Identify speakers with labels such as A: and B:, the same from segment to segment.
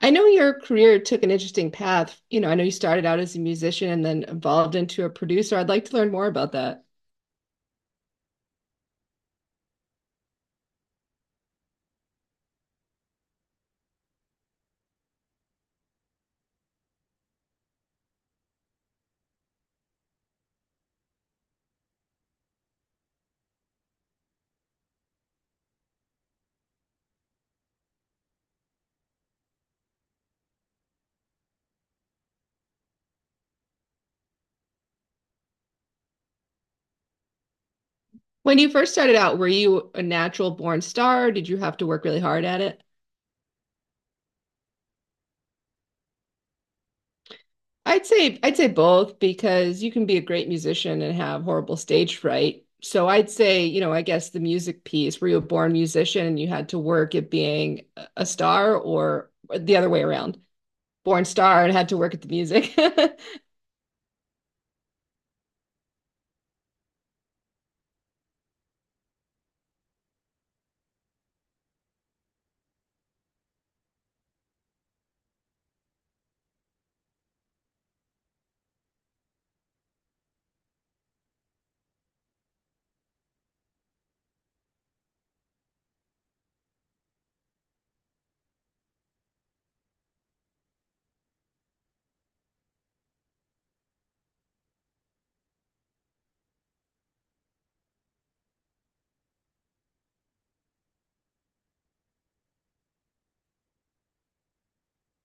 A: I know your career took an interesting path. You know, I know you started out as a musician and then evolved into a producer. I'd like to learn more about that. When you first started out, were you a natural born star? Did you have to work really hard at it? I'd say both because you can be a great musician and have horrible stage fright. So I'd say, you know, I guess the music piece, were you a born musician and you had to work at being a star or the other way around? Born star and had to work at the music.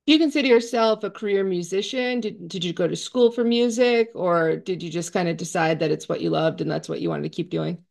A: Do you consider yourself a career musician? Did you go to school for music, or did you just kind of decide that it's what you loved and that's what you wanted to keep doing?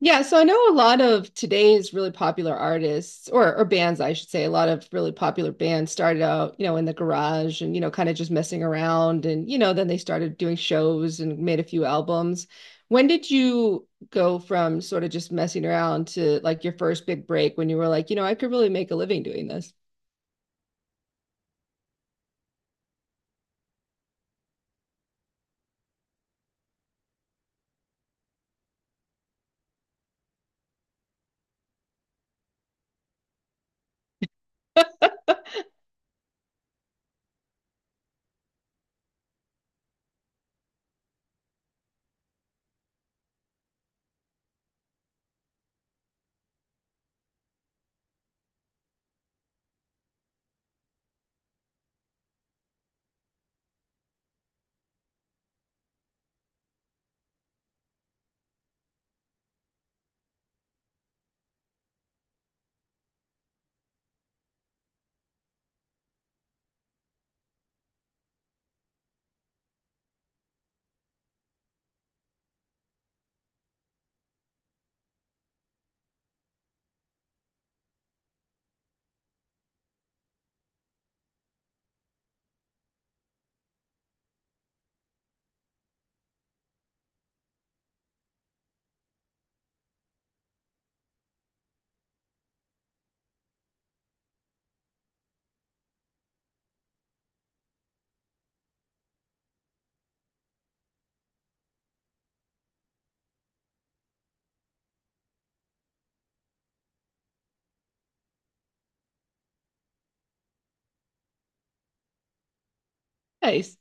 A: Yeah, so I know a lot of today's really popular artists or bands, I should say, a lot of really popular bands started out, you know, in the garage and you know, kind of just messing around and you know, then they started doing shows and made a few albums. When did you go from sort of just messing around to like your first big break when you were like, you know, I could really make a living doing this? Nice.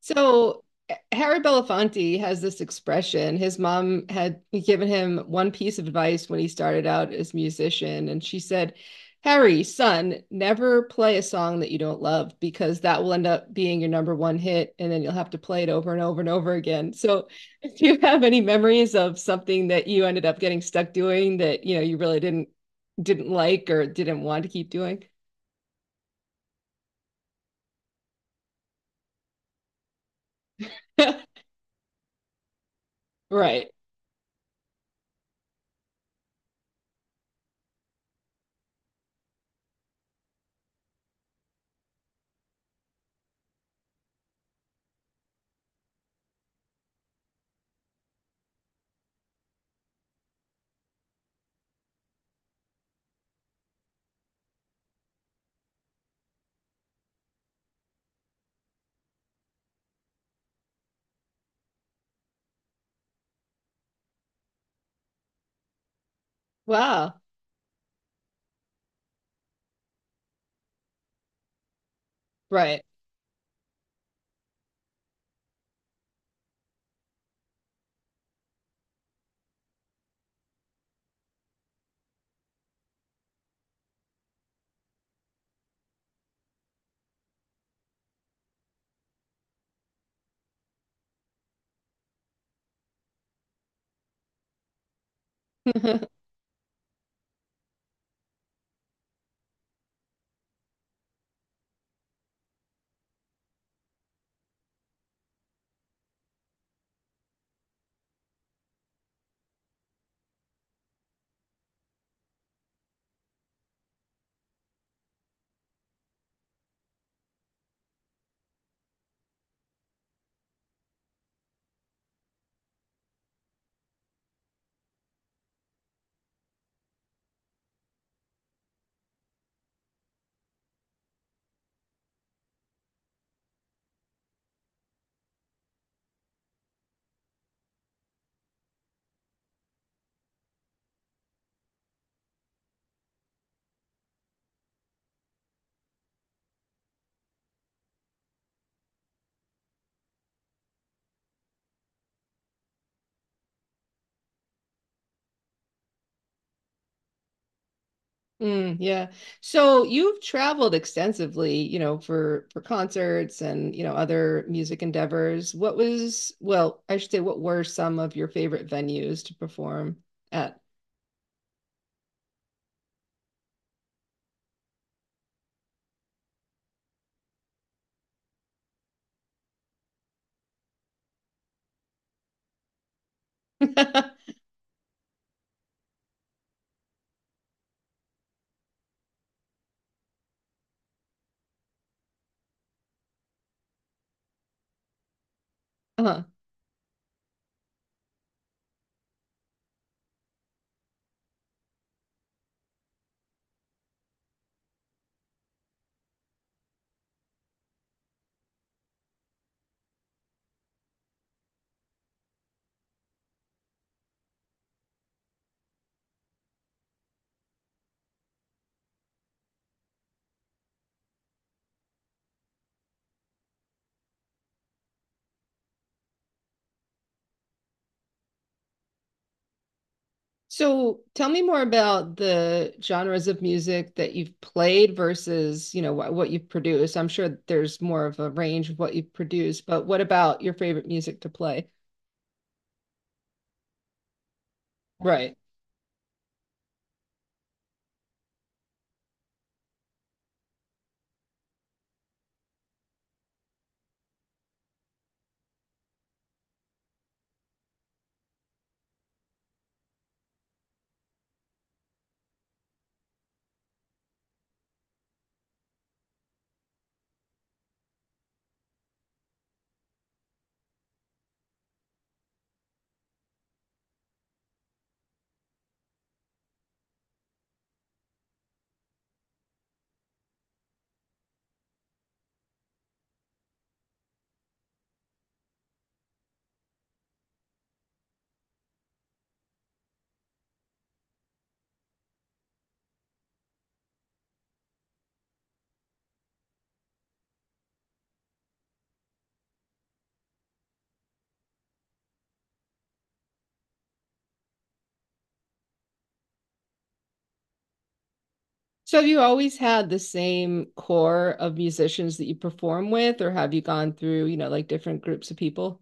A: So Harry Belafonte has this expression. His mom had given him one piece of advice when he started out as a musician, and she said, "Harry, son, never play a song that you don't love because that will end up being your number one hit, and then you'll have to play it over and over and over again." So, do you have any memories of something that you ended up getting stuck doing that you know you really didn't like or didn't want to keep doing? Right. Wow. Right. Mm, yeah. So you've traveled extensively, you know, for concerts and, you know, other music endeavors. What was, well, I should say, what were some of your favorite venues to perform at? Uh-huh. So tell me more about the genres of music that you've played versus, you know, what you've produced. I'm sure there's more of a range of what you've produced, but what about your favorite music to play? Right. So have you always had the same core of musicians that you perform with, or have you gone through, you know, like different groups of people?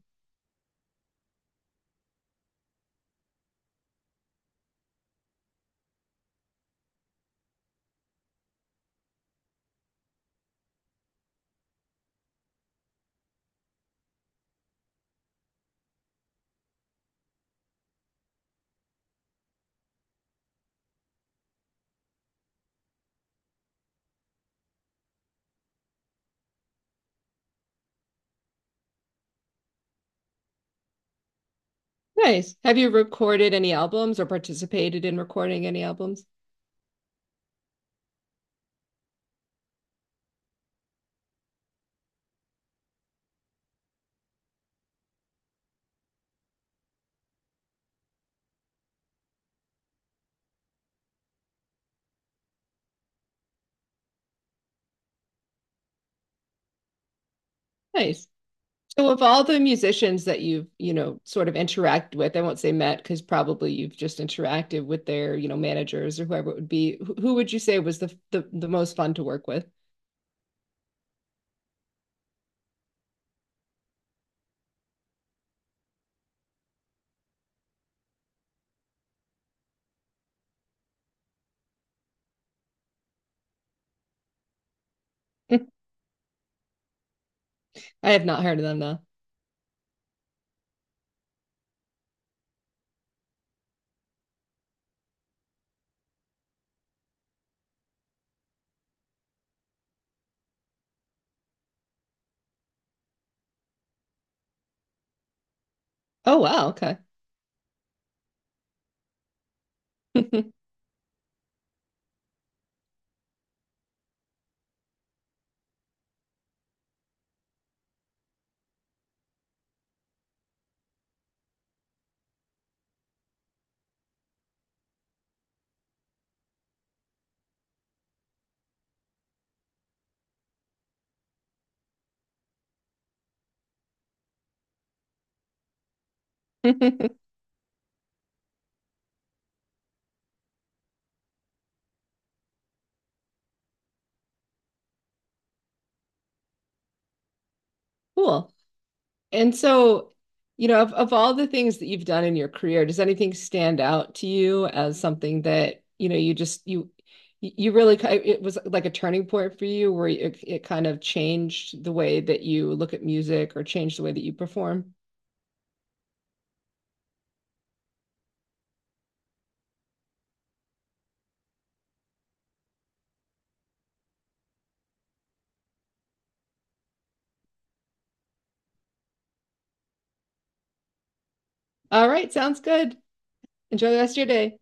A: Nice. Have you recorded any albums or participated in recording any albums? Nice. So of all the musicians that you've, you know, sort of interact with, I won't say met because probably you've just interacted with their, you know, managers or whoever it would be. Who would you say was the most fun to work with? I have not heard of them though. Oh wow, okay. Cool. And so, you know, of all the things that you've done in your career, does anything stand out to you as something that, you know, you really, it was like a turning point for you where it kind of changed the way that you look at music or changed the way that you perform? All right, sounds good. Enjoy the rest of your day.